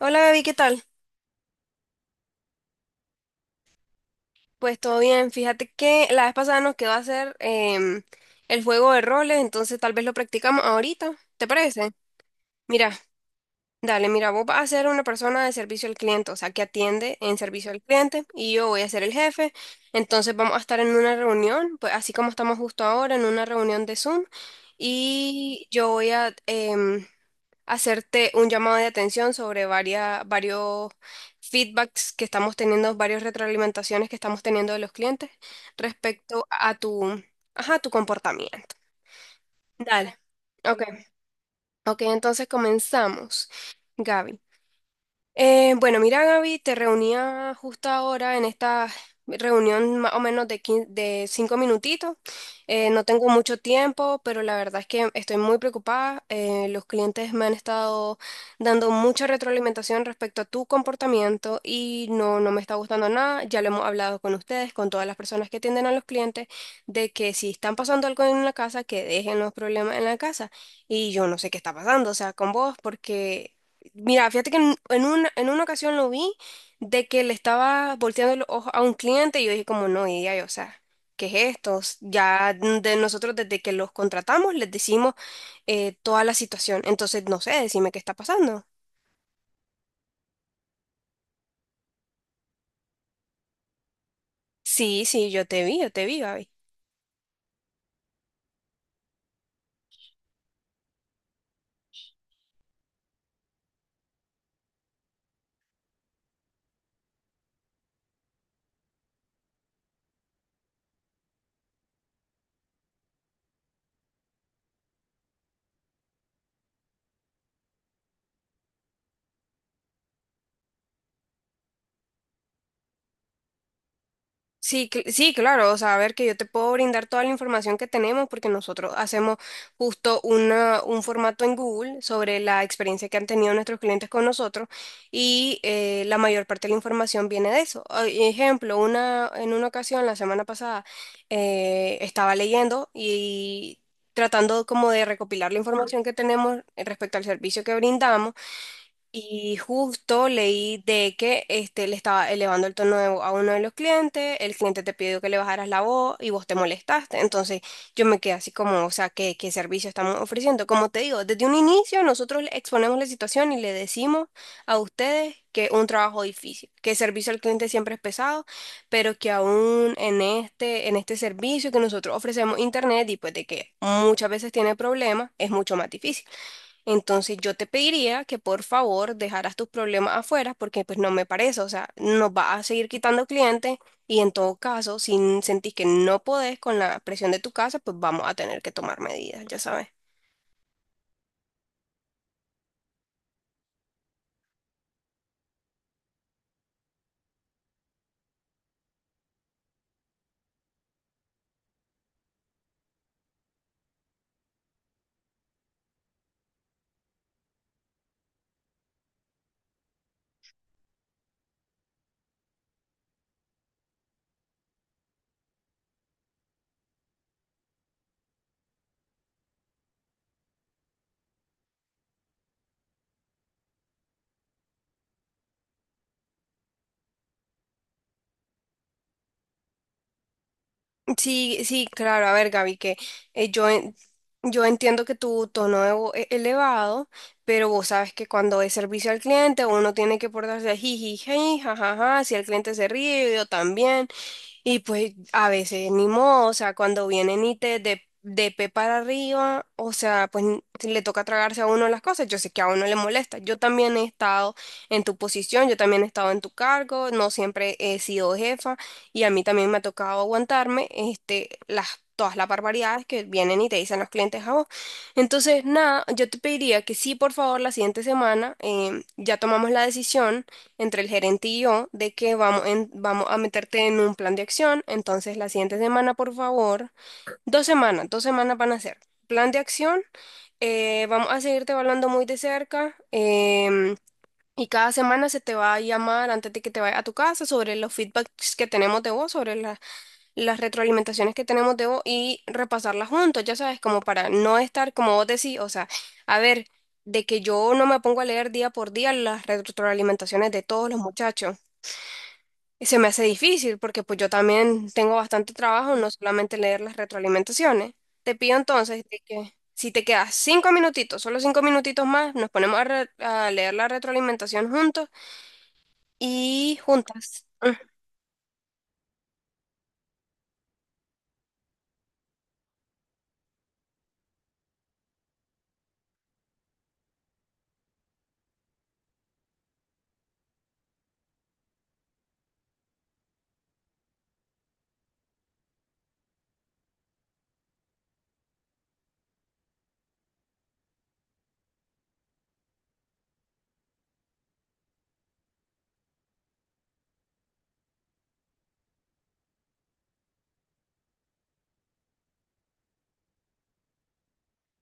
Hola Gaby, ¿qué tal? Pues todo bien. Fíjate que la vez pasada nos quedó a hacer el juego de roles, entonces tal vez lo practicamos ahorita. ¿Te parece? Mira, dale, mira, vos vas a ser una persona de servicio al cliente, o sea, que atiende en servicio al cliente, y yo voy a ser el jefe. Entonces vamos a estar en una reunión, pues así como estamos justo ahora, en una reunión de Zoom, y yo voy a hacerte un llamado de atención sobre varios feedbacks que estamos teniendo, varias retroalimentaciones que estamos teniendo de los clientes respecto a tu, ajá, tu comportamiento. Dale. Ok. Ok, entonces comenzamos. Gaby. Bueno, mira, Gaby, te reunía justo ahora en esta reunión más o menos de, de cinco minutitos. No tengo mucho tiempo, pero la verdad es que estoy muy preocupada. Los clientes me han estado dando mucha retroalimentación respecto a tu comportamiento y no me está gustando nada. Ya lo hemos hablado con ustedes, con todas las personas que atienden a los clientes, de que si están pasando algo en la casa, que dejen los problemas en la casa. Y yo no sé qué está pasando, o sea, con vos, porque mira, fíjate que en una ocasión lo vi de que le estaba volteando los ojos a un cliente y yo dije como no, y ya, o sea, ¿qué es esto? Ya de nosotros desde que los contratamos les decimos toda la situación, entonces no sé, decime qué está pasando. Sí, sí, yo te vi, Gaby. Sí, sí, claro, o sea, a ver que yo te puedo brindar toda la información que tenemos porque nosotros hacemos justo una, un formato en Google sobre la experiencia que han tenido nuestros clientes con nosotros y la mayor parte de la información viene de eso. Ah, ejemplo, una, en una ocasión la semana pasada estaba leyendo y tratando como de recopilar la información que tenemos respecto al servicio que brindamos. Y justo leí de que este, le estaba elevando el tono de voz a uno de los clientes, el cliente te pidió que le bajaras la voz y vos te molestaste. Entonces yo me quedé así como, o sea, ¿qué, qué servicio estamos ofreciendo? Como te digo, desde un inicio nosotros le exponemos la situación y le decimos a ustedes que es un trabajo difícil, que el servicio al cliente siempre es pesado, pero que aún en este servicio que nosotros ofrecemos internet y pues de que muchas veces tiene problemas, es mucho más difícil. Entonces yo te pediría que por favor dejaras tus problemas afuera porque pues no me parece, o sea, nos va a seguir quitando clientes y en todo caso, si sentís que no podés con la presión de tu casa, pues vamos a tener que tomar medidas, ya sabes. Sí, sí, claro, a ver Gaby, que yo, yo entiendo que tu tono de voz es elevado, pero vos sabes que cuando es servicio al cliente uno tiene que portarse jiji, jajaja, si el cliente se ríe, yo también. Y pues a veces ni modo, o sea, cuando vienen y te de pe para arriba, o sea, pues le toca tragarse a uno las cosas, yo sé que a uno le molesta. Yo también he estado en tu posición, yo también he estado en tu cargo, no siempre he sido jefa y a mí también me ha tocado aguantarme este, las, todas las barbaridades que vienen y te dicen los clientes a vos. Entonces, nada, yo te pediría que sí, por favor, la siguiente semana ya tomamos la decisión entre el gerente y yo de que vamos, vamos a meterte en un plan de acción. Entonces, la siguiente semana, por favor, dos semanas van a ser. Plan de acción, vamos a seguirte evaluando muy de cerca. Y cada semana se te va a llamar antes de que te vayas a tu casa sobre los feedbacks que tenemos de vos, sobre las retroalimentaciones que tenemos de vos y repasarlas juntos, ya sabes, como para no estar como vos decís, o sea, a ver, de que yo no me pongo a leer día por día las retroalimentaciones de todos los muchachos. Y se me hace difícil porque pues yo también tengo bastante trabajo, no solamente leer las retroalimentaciones. Te pido entonces de que si te quedas cinco minutitos, solo cinco minutitos más, nos ponemos a leer la retroalimentación juntos y juntas. Mm.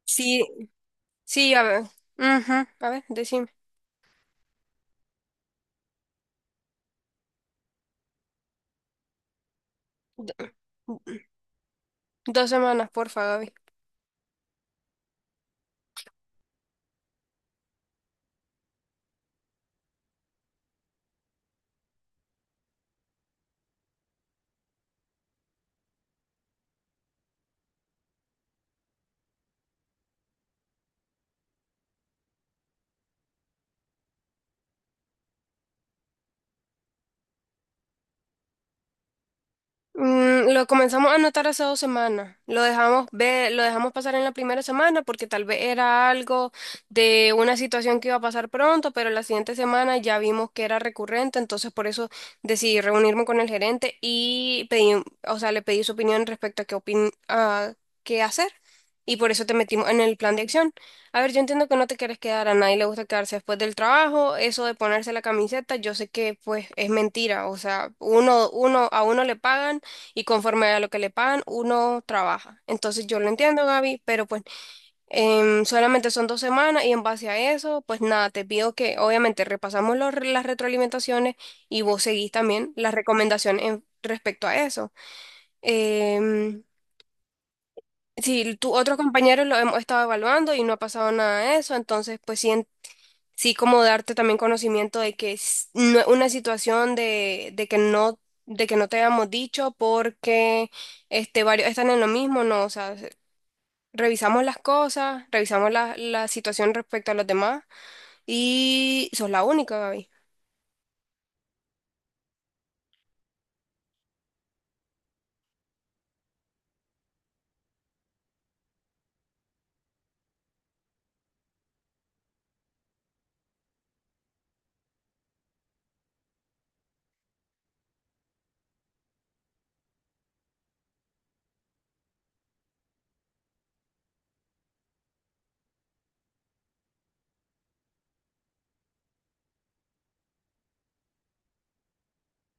Sí, sí, a ver. Ujú, a ver, decime. Do- mm, Dos semanas, porfa, Gaby. Mm, lo comenzamos a notar hace dos semanas. Lo dejamos ver, lo dejamos pasar en la primera semana porque tal vez era algo de una situación que iba a pasar pronto, pero la siguiente semana ya vimos que era recurrente, entonces por eso decidí reunirme con el gerente y pedí, o sea, le pedí su opinión respecto a qué a qué hacer. Y por eso te metimos en el plan de acción. A ver, yo entiendo que no te quieres quedar, a nadie le gusta quedarse después del trabajo, eso de ponerse la camiseta, yo sé que pues es mentira, o sea, uno, a uno le pagan y conforme a lo que le pagan, uno trabaja. Entonces yo lo entiendo, Gaby, pero pues solamente son dos semanas y en base a eso, pues nada, te pido que obviamente repasamos las retroalimentaciones y vos seguís también las recomendaciones respecto a eso. Em, si tu otros compañeros lo hemos estado evaluando y no ha pasado nada de eso, entonces pues sí sí como darte también conocimiento de que es una situación de que no te habíamos dicho porque este varios están en lo mismo, no, o sea, revisamos las cosas, revisamos la situación respecto a los demás y sos la única, Gaby.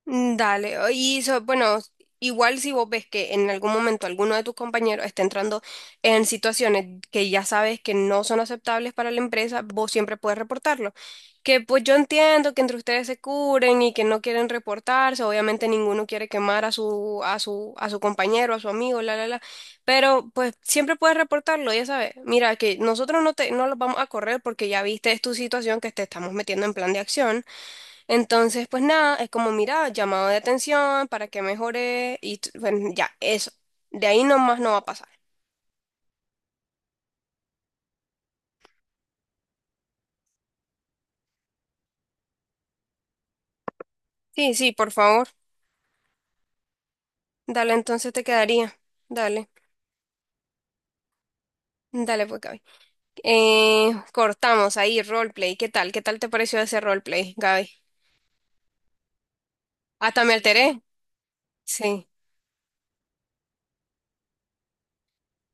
Dale, y bueno, igual si vos ves que en algún momento alguno de tus compañeros está entrando en situaciones que ya sabes que no son aceptables para la empresa, vos siempre puedes reportarlo. Que pues yo entiendo que entre ustedes se curen y que no quieren reportarse, obviamente ninguno quiere quemar a su compañero, a su amigo, la, pero pues siempre puedes reportarlo, ya sabes. Mira, que nosotros no los vamos a correr porque ya viste es tu situación que te estamos metiendo en plan de acción. Entonces, pues nada, es como, mira, llamado de atención para que mejore y bueno, ya, eso. De ahí nomás no va a pasar. Sí, sí, por favor. Dale, entonces te quedaría. Dale, dale pues, Gaby. Cortamos ahí, roleplay. ¿Qué tal? ¿Qué tal te pareció ese roleplay, Gaby? Hasta me alteré. Sí,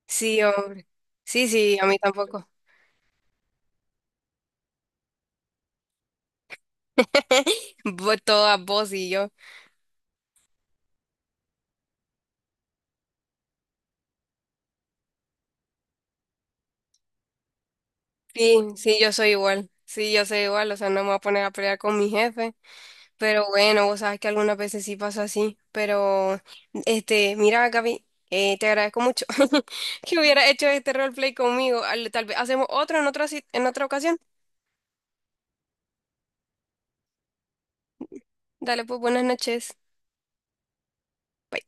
sí, hombre. Sí, sí, a mí tampoco. Todas vos y yo. Sí, sí, yo soy igual. Sí, yo soy igual. O sea, no me voy a poner a pelear con mi jefe. Pero bueno, vos sabes que algunas veces sí pasa así. Pero, este, mira, Gaby, te agradezco mucho que hubiera hecho este roleplay conmigo. Tal vez hacemos otro en otra, en otra ocasión. Dale, pues buenas noches. Bye.